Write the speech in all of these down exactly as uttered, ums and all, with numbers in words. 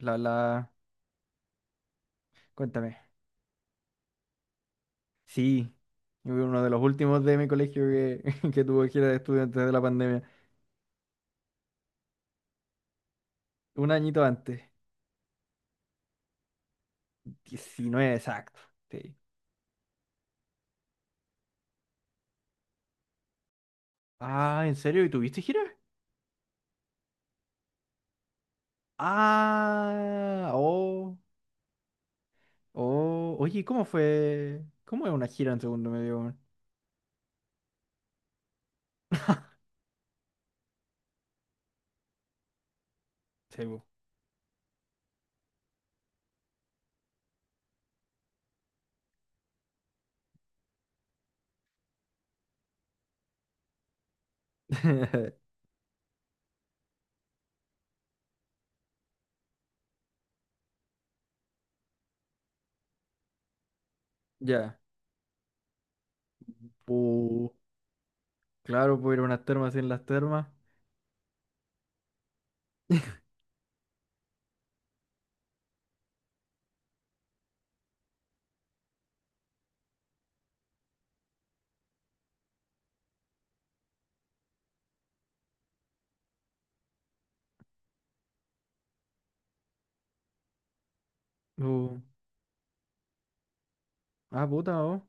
La, la, cuéntame. Sí, yo fui uno de los últimos de mi colegio que, que tuvo gira de estudiantes de la pandemia. Un añito antes. Diecinueve, exacto. Sí. Ah, ¿en serio? ¿Y tuviste gira? Ah, oh, oh. Oye, ¿cómo fue? ¿Cómo es una gira en segundo medio, weón? Sí, po. Ya. Uh, claro, puedo ir a unas termas sin las termas. Uh, ah, puta, oh.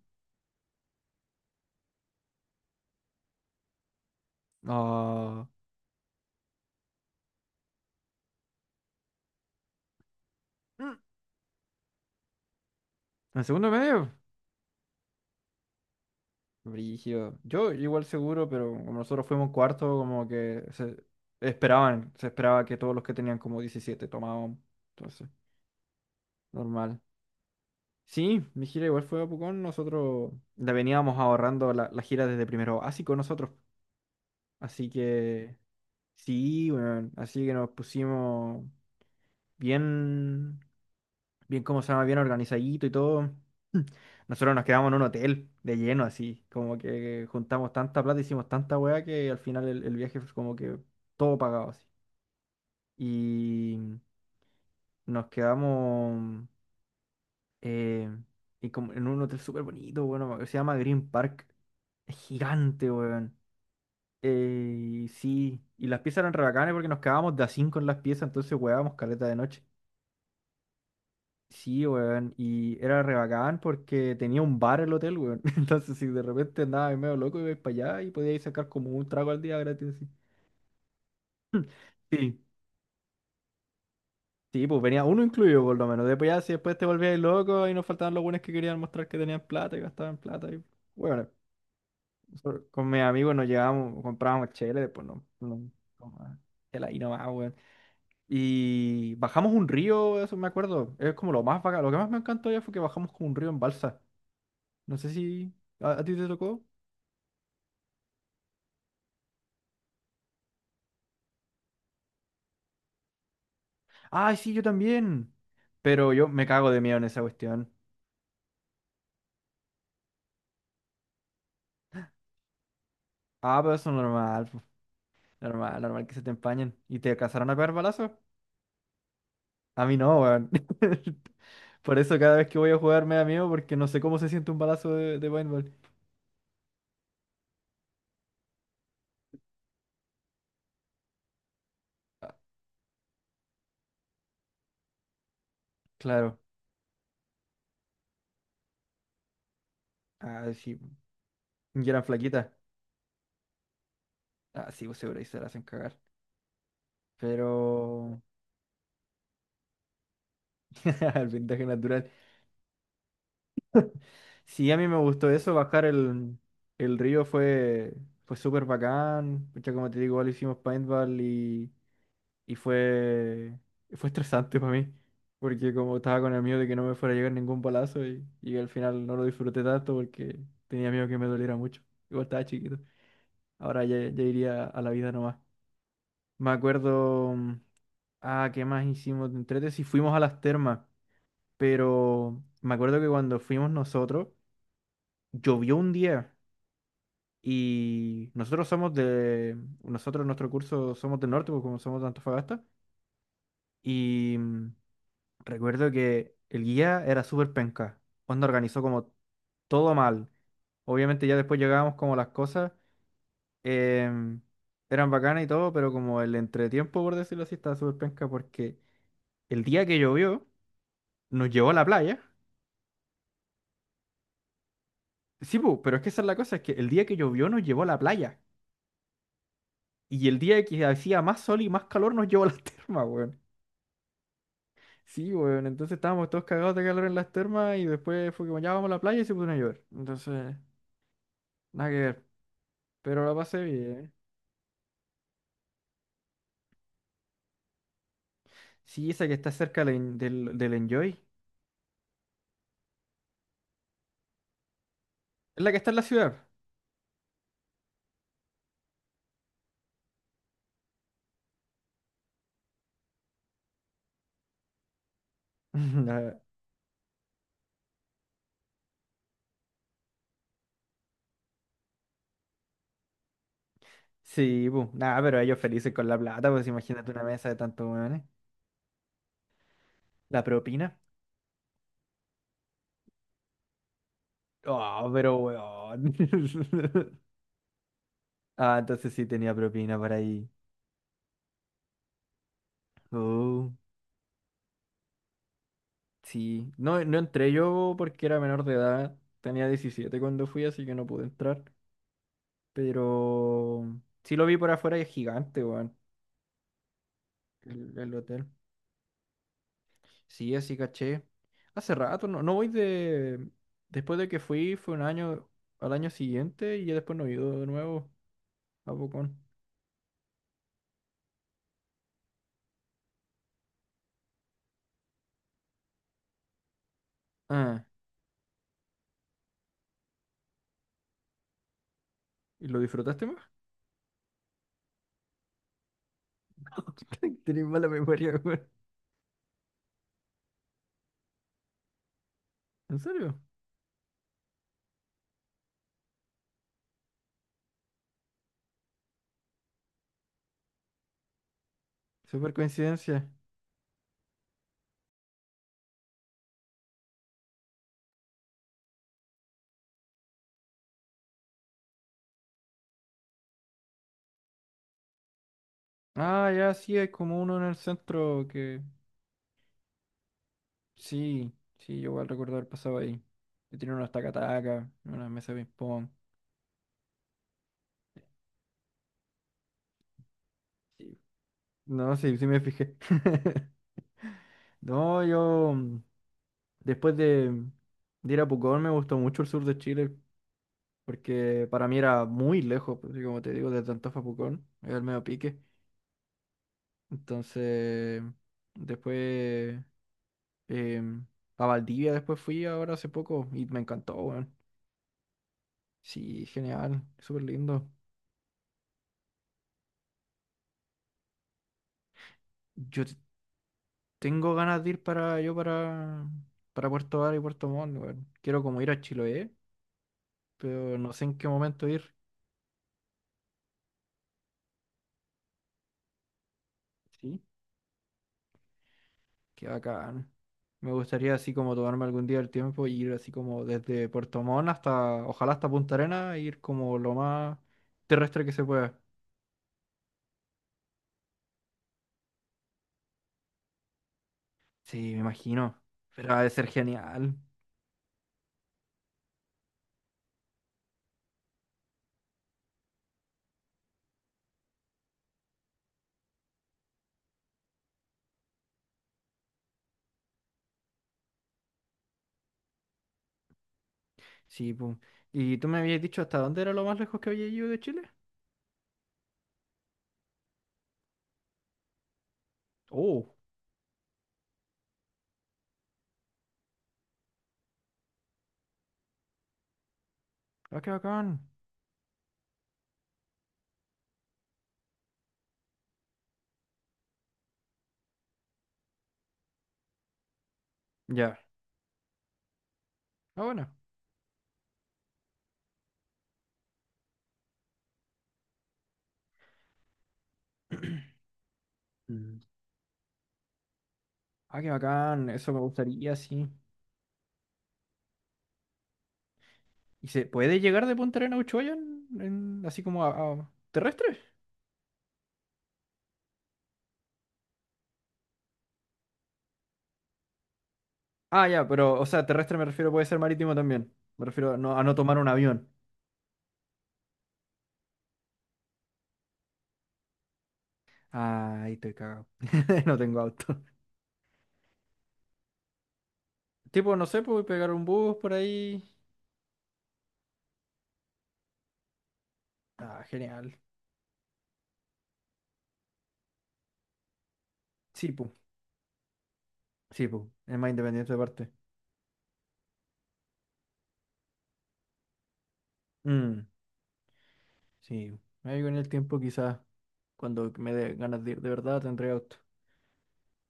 Ah, ¿en segundo medio? Brígido. Yo igual seguro, pero como nosotros fuimos cuarto, como que se esperaban, se esperaba que todos los que tenían como diecisiete tomaban. Entonces, normal. Sí, mi gira igual fue a Pucón. Nosotros la veníamos ahorrando la, la gira desde primero básico nosotros. Así que sí, bueno, así que nos pusimos bien. bien, cómo se llama, bien organizadito y todo. Nosotros nos quedamos en un hotel de lleno, así, como que juntamos tanta plata, hicimos tanta weá que al final el, el viaje fue como que todo pagado así. Y nos quedamos eh, y como en un hotel súper bonito, bueno, se llama Green Park. Es gigante, weón. Eh, y sí, y las piezas eran re bacanes porque nos quedábamos de a cinco en las piezas, entonces weábamos caleta de noche. Sí, weón, y era re bacán porque tenía un bar el hotel, weón. Entonces, si de repente andabas medio loco, ibais para allá y podíais sacar como un trago al día gratis. Así. Sí, sí, pues venía uno incluido por lo menos. Después ya, si después te volvíais loco y nos faltaban los buenos que querían mostrar que tenían plata y gastaban plata. Y... Bueno, nosotros con mis amigos nos llevábamos, comprábamos chela, y después no, no, no, chela y nomás, weón. Y bajamos un río, eso me acuerdo. Es como lo más bacán. Lo que más me encantó ya fue que bajamos como un río en balsa. No sé si... ¿A, a ti te tocó? ¡Ay, sí, yo también! Pero yo me cago de miedo en esa cuestión. Ah, pero eso es normal, po. Normal, normal que se te empañen. ¿Y te alcanzaron a pegar balazos? A mí no, weón. Por eso cada vez que voy a jugar me da miedo porque no sé cómo se siente un balazo de, de paintball. Claro. Ah, sí. Y eran flaquitas. Ah, sí, pues seguro ahí se las hacen cagar. Pero... El vendaje natural. Sí, a mí me gustó eso, bajar el, el río fue, fue súper bacán. Pucha, como te digo, igual hicimos paintball y, y fue, fue estresante para mí, porque como estaba con el miedo de que no me fuera a llegar ningún balazo y, y al final no lo disfruté tanto porque tenía miedo que me doliera mucho. Igual estaba chiquito. Ahora ya, ya iría a la vida nomás. Me acuerdo, mm, ah, ¿qué más hicimos de entrete? Sí, fuimos a las termas, pero me acuerdo que cuando fuimos nosotros, llovió un día. Y nosotros somos de, nosotros en nuestro curso somos del norte, porque como somos de Antofagasta. Y mm, recuerdo que el guía era súper penca. Onda organizó como todo mal. Obviamente ya después llegábamos como las cosas em, eran bacanas y todo, pero como el entretiempo, por decirlo así, estaba súper penca porque el día que llovió nos llevó a la playa. Sí, pu, pero es que esa es la cosa, es que el día que llovió nos llevó a la playa. Y el día que hacía más sol y más calor nos llevó a la terma, weón. Sí, weón, entonces estábamos todos cagados de calor en las termas y después fue como ya vamos a la playa y se puso a llover. Entonces, nada que ver. Pero la pasé bien. Sí, esa que está cerca del, del, del Enjoy. Es la que está en la ciudad. Nah, sí, bu. Nada, pero ellos felices con la plata, pues imagínate una mesa de tantos weones. La propina. Oh, pero weón. Ah, entonces sí tenía propina por ahí. Oh, sí. No, no entré yo porque era menor de edad. Tenía diecisiete cuando fui, así que no pude entrar. Pero sí lo vi por afuera y es gigante, weón, el, el hotel. Sí, así caché. Hace rato, no, no voy de... Después de que fui, fue un año al año siguiente y ya después no he ido de nuevo a Bocón. Ah, ¿y lo disfrutaste más? Tenés mala memoria, weón. ¿En serio? Super coincidencia. Ah, ya sí, hay como uno en el centro que... Sí, sí, yo igual recuerdo haber pasado ahí. Que tiene unos taca-taca, unas mesas de ping-pong. No, sí, sí me fijé. No, yo mm, después de, de ir a Pucón me gustó mucho el sur de Chile porque para mí era muy lejos, pues, así como te digo, desde Antofa a Pucón, era el medio pique. Entonces, después em, a Valdivia después fui ahora hace poco y me encantó, weón. Sí, genial, súper lindo. Yo t- Tengo ganas de ir para yo para, para Puerto Vara y Puerto Montt, weón. Quiero como ir a Chiloé pero no sé en qué momento ir. Sí. Qué bacán. Me gustaría así como tomarme algún día el tiempo y ir así como desde Puerto Montt hasta, ojalá hasta Punta Arenas, e ir como lo más terrestre que se pueda. Sí, me imagino. Pero ha de ser genial. Sí, pum. ¿Y tú me habías dicho hasta dónde era lo más lejos que había ido de Chile? Oh, ah, qué bacán. Ya. Ah, bueno. Mm. Ah, qué bacán. Eso me gustaría, sí. ¿Y se puede llegar de Punta Arenas a Ushuaia en, en- así como a, a- terrestre? Ah, ya, pero, o sea, terrestre me refiero, puede ser marítimo también. Me refiero a no, a no tomar un avión. Ah, ahí estoy cagado. No tengo auto. Tipo, no sé, pues pegar un bus por ahí. Ah, genial. Sí, pues. Sí, pues. Es más independiente aparte. Parte. Mm, sí. Ahí con el tiempo quizás, cuando me dé ganas de ir de verdad, tendré auto.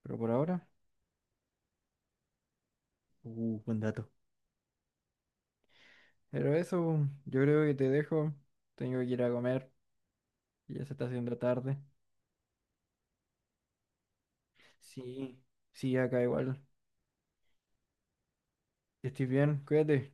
Pero por ahora, uh, buen dato. Pero eso, yo creo que te dejo. Tengo que ir a comer. Ya se está haciendo tarde. Sí. Sí, acá igual. Que estés bien, cuídate.